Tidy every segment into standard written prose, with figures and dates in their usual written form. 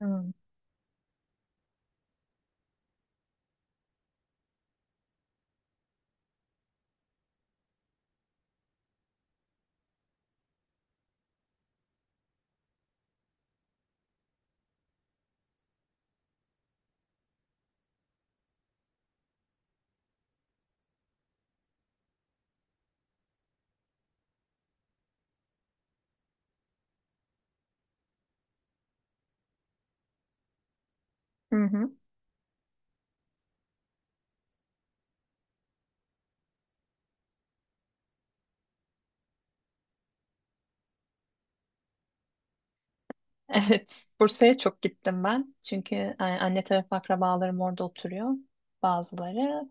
Hmm. Hı hı. Evet, Bursa'ya çok gittim ben. Çünkü anne tarafı akrabalarım orada oturuyor bazıları.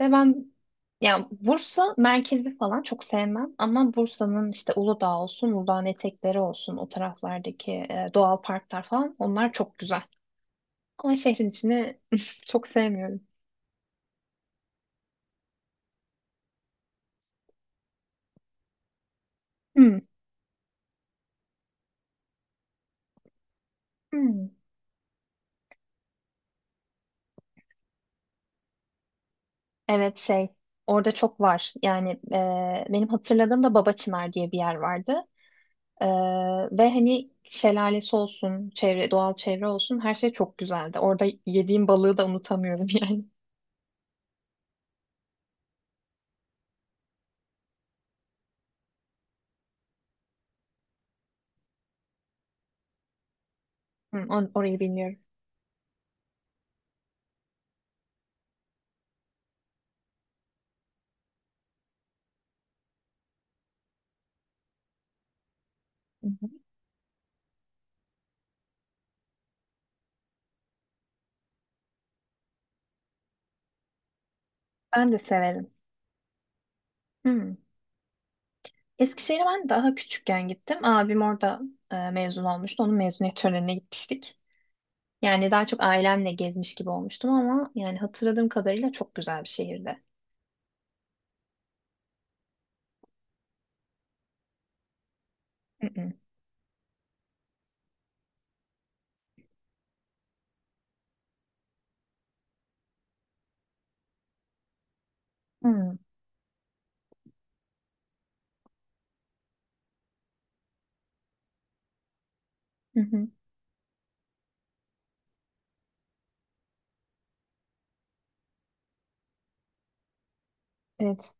Ve yani Bursa merkezi falan çok sevmem ama Bursa'nın işte Uludağ olsun, Uludağ'ın etekleri olsun, o taraflardaki doğal parklar falan onlar çok güzel. Ama şehrin içini çok sevmiyorum. Hmm. Hmm. Evet şey orada çok var. Yani benim hatırladığım da Baba Çınar diye bir yer vardı. Ee, ve hani şelalesi olsun, çevre, doğal çevre olsun her şey çok güzeldi. Orada yediğim balığı da unutamıyorum yani. Hı, orayı bilmiyorum. Hı hı. Ben de severim. Hı. Eskişehir'e ben daha küçükken gittim. Abim orada mezun olmuştu. Onun mezuniyet törenine gitmiştik. Yani daha çok ailemle gezmiş gibi olmuştum ama yani hatırladığım kadarıyla çok güzel bir şehirdi. Hı hı. Hı. Hı hı. Evet.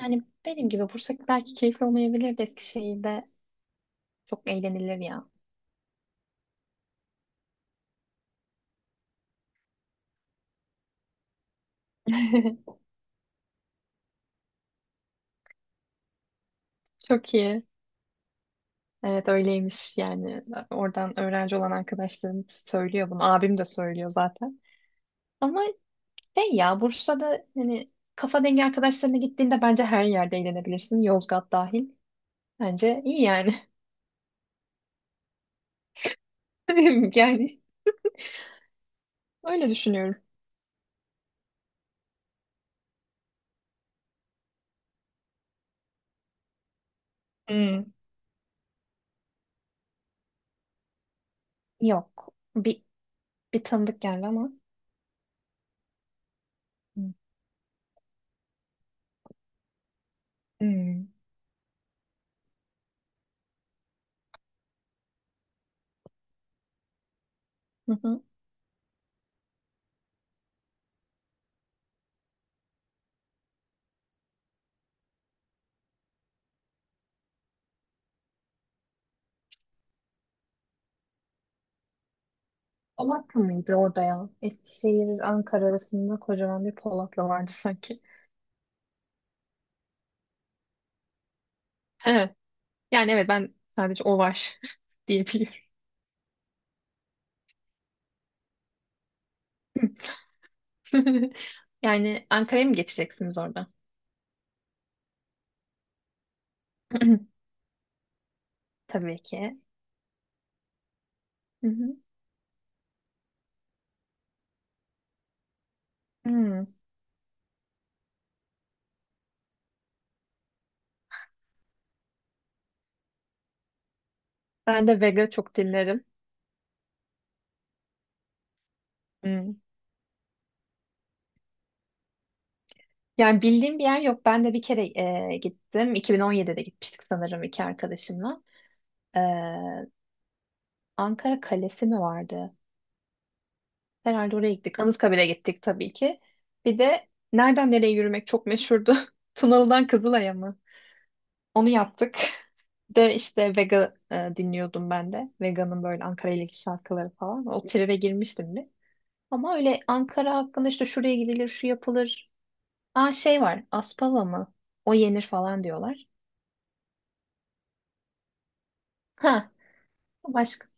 Yani dediğim gibi Bursa belki keyifli olmayabilir de Eskişehir'de çok eğlenilir ya. Çok iyi. Evet öyleymiş yani oradan öğrenci olan arkadaşlarım söylüyor bunu abim de söylüyor zaten ama şey ya Bursa'da hani kafa dengi arkadaşlarına gittiğinde bence her yerde eğlenebilirsin Yozgat dahil bence iyi yani yani öyle düşünüyorum. Hmm. Yok, bir bir tanıdık geldi ama. Hmm. Hmm. Hı hı. Polatlı mıydı orada ya? Eskişehir, Ankara arasında kocaman bir Polatlı vardı sanki. He. Yani evet ben sadece o var diyebiliyorum. Yani Ankara'ya mı geçeceksiniz orada? Tabii ki. Hı hı. Hmm. Ben de Vega çok dinlerim. Hmm. Yani bildiğim bir yer yok. Ben de bir kere gittim. 2017'de gitmiştik sanırım iki arkadaşımla. E, Ankara Kalesi mi vardı? Herhalde oraya gittik. Anıtkabir'e gittik tabii ki. Bir de nereden nereye yürümek çok meşhurdu. Tunalı'dan Kızılay'a mı? Onu yaptık. Bir de işte Vega dinliyordum ben de. Vega'nın böyle Ankara ile ilgili şarkıları falan. O tribe girmiştim. Ama öyle Ankara hakkında işte şuraya gidilir, şu yapılır. Aa şey var, Aspava mı? O yenir falan diyorlar. Ha, başka.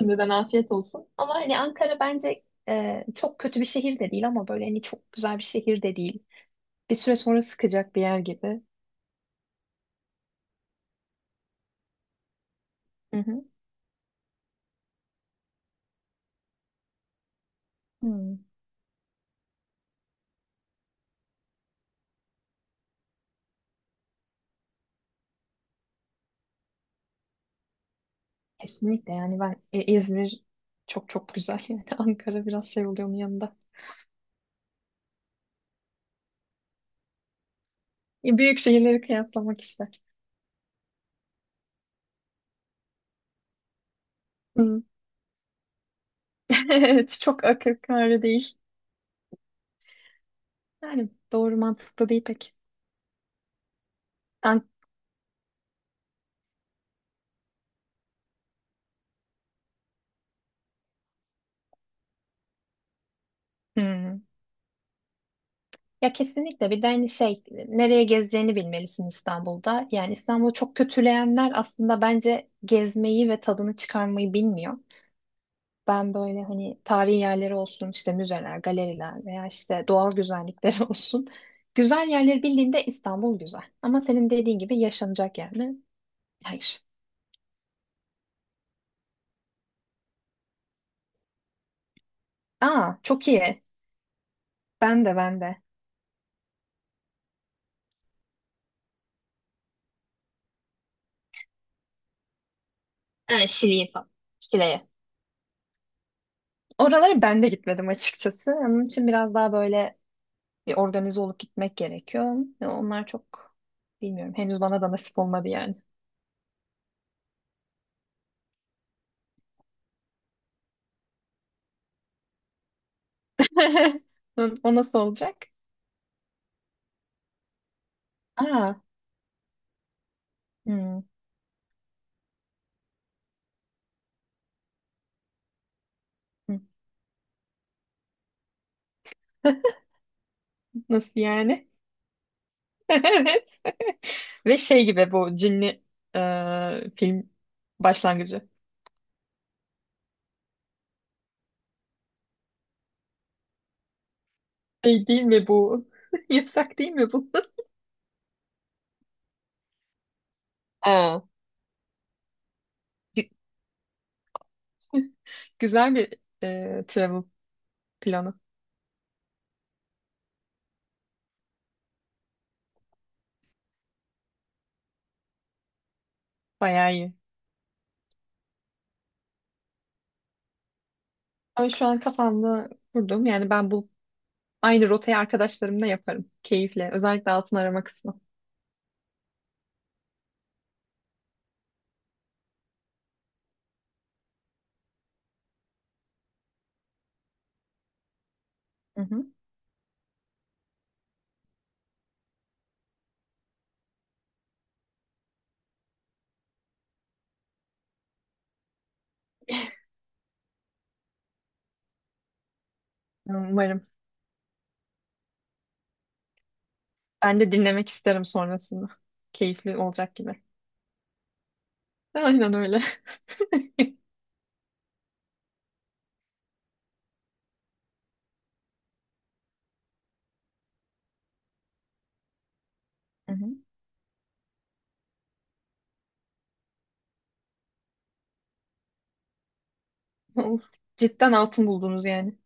Şimdiden afiyet olsun. Ama hani Ankara bence çok kötü bir şehir de değil ama böyle hani çok güzel bir şehir de değil. Bir süre sonra sıkacak bir yer gibi. Hı hı. Hmm. Kesinlikle yani ben İzmir çok çok güzel yani Ankara biraz şey oluyor onun yanında. E, büyük şehirleri kıyaslamak ister. Hı. Evet çok akıl kârı değil. Yani doğru mantıklı değil pek. Ankara. Hmm. Ya kesinlikle bir de hani şey nereye gezeceğini bilmelisin İstanbul'da. Yani İstanbul'u çok kötüleyenler aslında bence gezmeyi ve tadını çıkarmayı bilmiyor. Ben böyle hani tarihi yerleri olsun işte müzeler, galeriler veya işte doğal güzellikleri olsun. Güzel yerleri bildiğinde İstanbul güzel. Ama senin dediğin gibi yaşanacak yer mi? Hayır. Aa çok iyi. Ben de ben de. Ha, Şili'ye falan. Şile'ye. Oralara ben de gitmedim açıkçası. Onun için biraz daha böyle bir organize olup gitmek gerekiyor. Ya onlar çok bilmiyorum. Henüz bana da nasip olmadı yani. O nasıl olacak? Aa. Hmm. Hı. Nasıl yani? Evet. Ve şey gibi bu cinli film başlangıcı. Şey değil mi bu? Yasak değil mi bu? aa. Gü- Güzel bir travel planı. Bayağı iyi. Ama şu an kafamda kurdum. Yani ben bu aynı rotayı arkadaşlarımla yaparım. Keyifle. Özellikle altın arama kısmı. Hı hı. Umarım. Ben de dinlemek isterim sonrasında. Keyifli olacak gibi. Aynen öyle. Hı hı. Of, cidden altın buldunuz yani.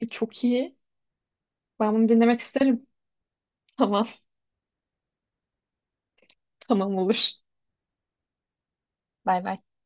E, çok iyi. Ben bunu dinlemek isterim. Tamam, tamam olur. Bay bay.